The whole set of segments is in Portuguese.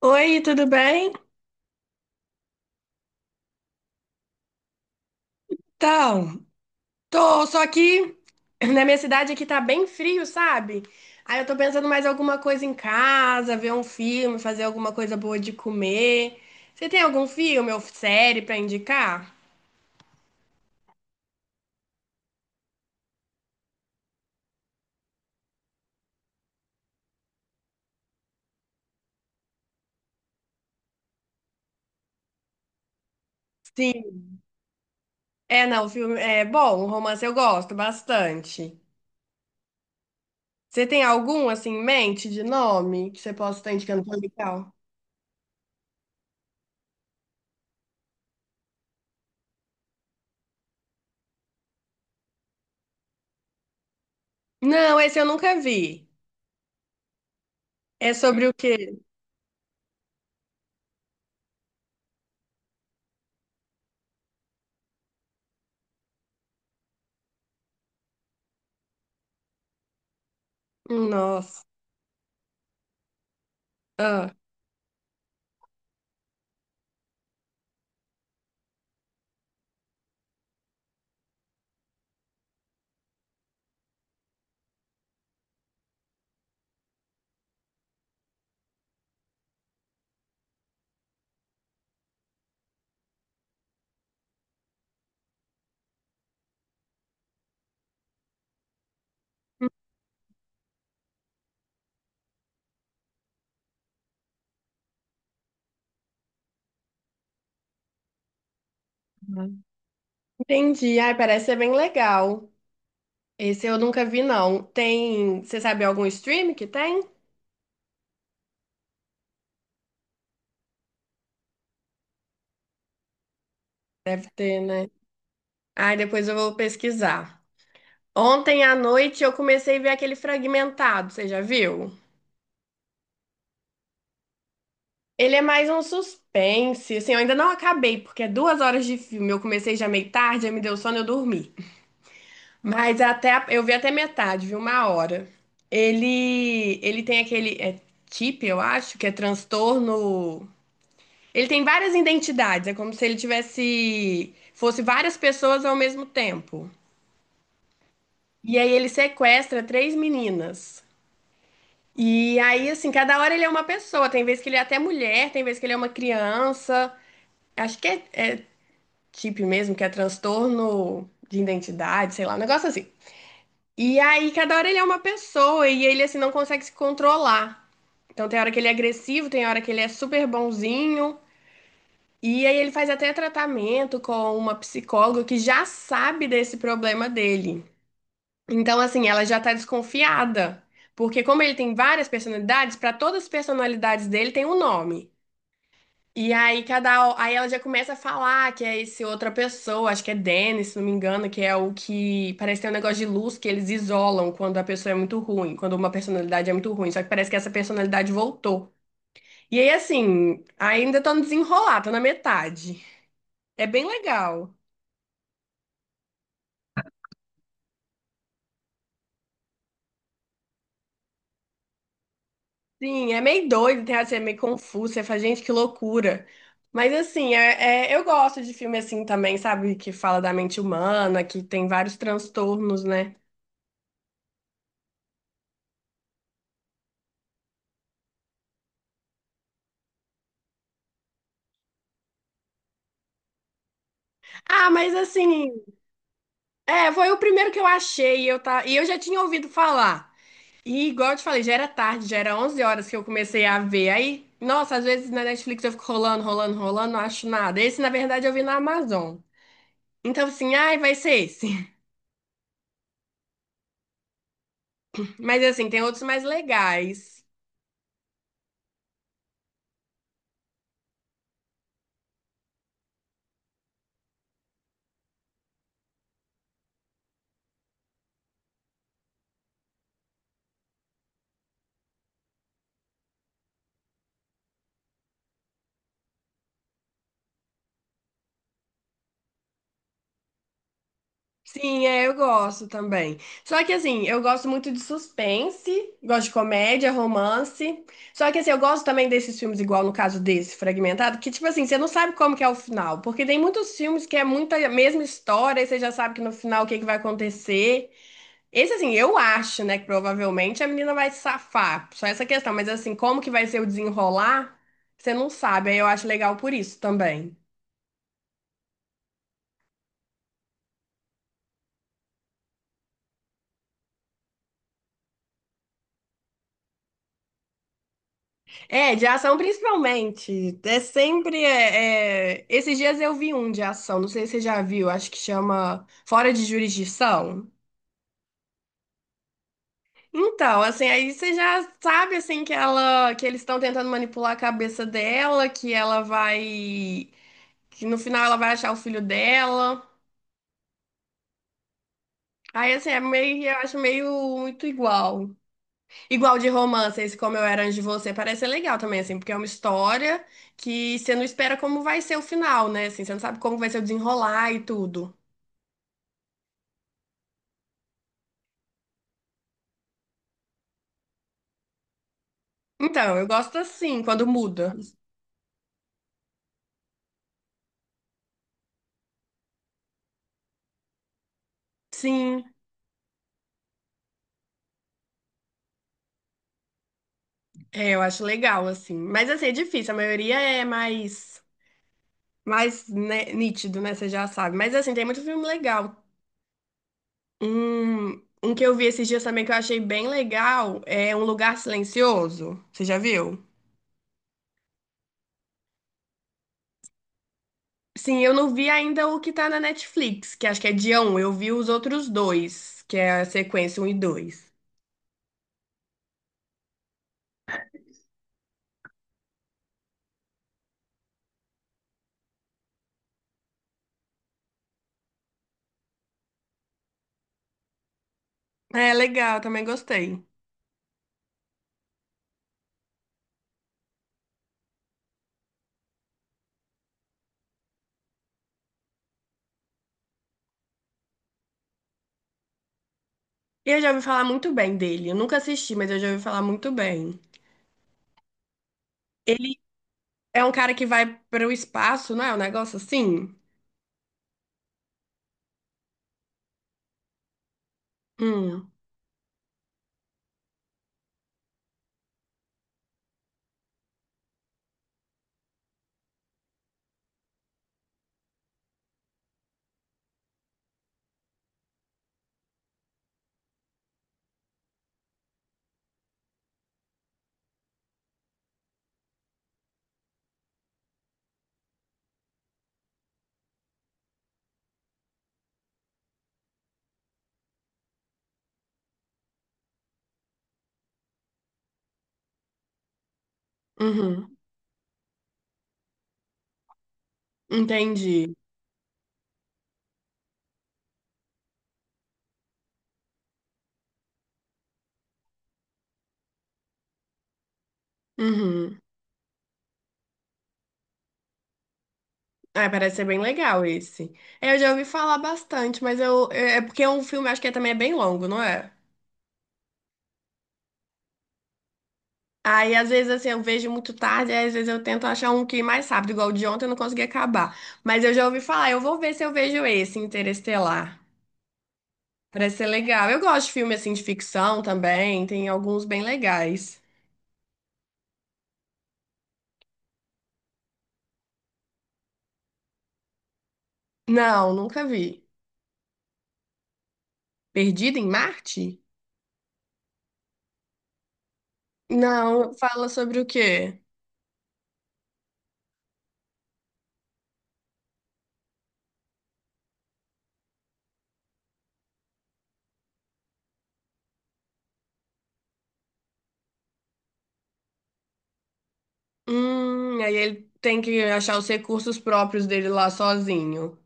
Oi, tudo bem? Então, tô só aqui. Na minha cidade aqui tá bem frio, sabe? Aí eu tô pensando mais alguma coisa em casa, ver um filme, fazer alguma coisa boa de comer. Você tem algum filme ou série pra indicar? Sim. É, não, o filme é bom, o romance eu gosto bastante. Você tem algum assim em mente de nome que você possa estar indicando pra legal? Não, esse eu nunca vi. É sobre o quê? Nossa. Ah, entendi. Ai, parece ser bem legal. Esse eu nunca vi, não. Tem. Você sabe algum stream que tem? Deve ter, né? Ai, depois eu vou pesquisar. Ontem à noite eu comecei a ver aquele Fragmentado, você já viu? Ele é mais um suspense, assim, eu ainda não acabei, porque é duas horas de filme. Eu comecei já meio tarde, aí me deu sono, e eu dormi. Mas até, eu vi até metade, vi uma hora. Ele tem aquele, é TIP, eu acho, que é transtorno. Ele tem várias identidades, é como se ele tivesse, fosse várias pessoas ao mesmo tempo. E aí ele sequestra três meninas. E aí, assim, cada hora ele é uma pessoa. Tem vez que ele é até mulher, tem vez que ele é uma criança. Acho que é, é TIP mesmo, que é transtorno de identidade, sei lá, um negócio assim. E aí, cada hora ele é uma pessoa e ele, assim, não consegue se controlar. Então, tem hora que ele é agressivo, tem hora que ele é super bonzinho. E aí ele faz até tratamento com uma psicóloga que já sabe desse problema dele. Então, assim, ela já tá desconfiada. Porque como ele tem várias personalidades, para todas as personalidades dele tem um nome. E aí cada aí ela já começa a falar que é esse outra pessoa, acho que é Dennis, se não me engano, que é o que parece ter um negócio de luz que eles isolam quando a pessoa é muito ruim, quando uma personalidade é muito ruim, só que parece que essa personalidade voltou. E aí assim, ainda tô no desenrolar, tô na metade. É bem legal. Sim, é meio doido, tem assim, é meio confuso, você fala, gente, que loucura. Mas assim, eu gosto de filme assim também, sabe? Que fala da mente humana, que tem vários transtornos, né? Ah, mas assim, é, foi o primeiro que eu achei, e eu, tá, e eu já tinha ouvido falar. E igual eu te falei, já era tarde, já era 11 horas que eu comecei a ver. Aí, nossa, às vezes na Netflix eu fico rolando, rolando, rolando, não acho nada. Esse, na verdade, eu vi na Amazon. Então, assim, ai, vai ser esse. Mas assim, tem outros mais legais. Sim, é, eu gosto também. Só que assim, eu gosto muito de suspense, gosto de comédia, romance. Só que assim, eu gosto também desses filmes, igual no caso desse, Fragmentado, que tipo assim, você não sabe como que é o final. Porque tem muitos filmes que é muita a mesma história, e você já sabe que no final o que que vai acontecer. Esse assim, eu acho, né, que provavelmente a menina vai se safar. Só essa questão, mas assim, como que vai ser o desenrolar, você não sabe. Aí eu acho legal por isso também. É, de ação principalmente. É sempre. Esses dias eu vi um de ação, não sei se você já viu, acho que chama Fora de Jurisdição. Então, assim, aí você já sabe assim que ela, que eles estão tentando manipular a cabeça dela, que ela vai, que no final ela vai achar o filho dela. Aí assim, é meio, eu acho meio muito igual. Igual de romance, esse Como Eu Era Antes de Você, parece ser legal também, assim, porque é uma história que você não espera como vai ser o final, né? Assim, você não sabe como vai ser o desenrolar e tudo. Então, eu gosto assim, quando muda. Sim, é, eu acho legal, assim. Mas, assim, é difícil, a maioria é mais, mais né, nítido, né? Você já sabe. Mas, assim, tem muito filme legal. Um que eu vi esses dias também que eu achei bem legal é Um Lugar Silencioso. Você já viu? Sim, eu não vi ainda o que tá na Netflix, que acho que é dia um. Eu vi os outros dois, que é a sequência um e dois. É legal, também gostei. E eu já ouvi falar muito bem dele. Eu nunca assisti, mas eu já ouvi falar muito bem. Ele é um cara que vai para o espaço, não é? Um negócio assim? Hum, uhum, entendi. Uhum. Ah, parece ser bem legal esse. É, eu já ouvi falar bastante, mas eu, porque é um filme, acho que também é bem longo, não é? Aí, às vezes, assim, eu vejo muito tarde, aí, às vezes eu tento achar um que é mais rápido, igual o de ontem eu não consegui acabar. Mas eu já ouvi falar, eu vou ver se eu vejo esse, Interestelar. Parece ser legal. Eu gosto de filme, assim, de ficção também, tem alguns bem legais. Não, nunca vi. Perdido em Marte? Não, fala sobre o quê? Aí ele tem que achar os recursos próprios dele lá sozinho.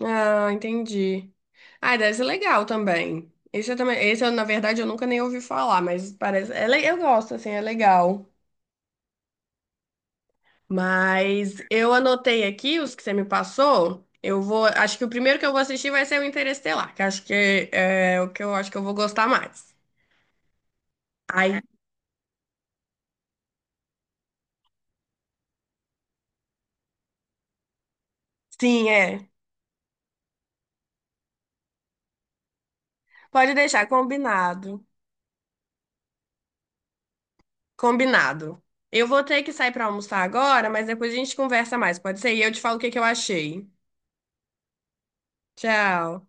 Ah, entendi. Ah, deve ser legal também. Esse eu também, esse eu, na verdade, eu nunca nem ouvi falar, mas parece, eu gosto, assim, é legal. Mas eu anotei aqui os que você me passou. Eu vou, acho que o primeiro que eu vou assistir vai ser o Interestelar, que acho que é o que eu acho que eu vou gostar mais. Aí, sim, é. Pode deixar combinado. Combinado. Eu vou ter que sair para almoçar agora, mas depois a gente conversa mais, pode ser? E eu te falo o que que eu achei. Tchau.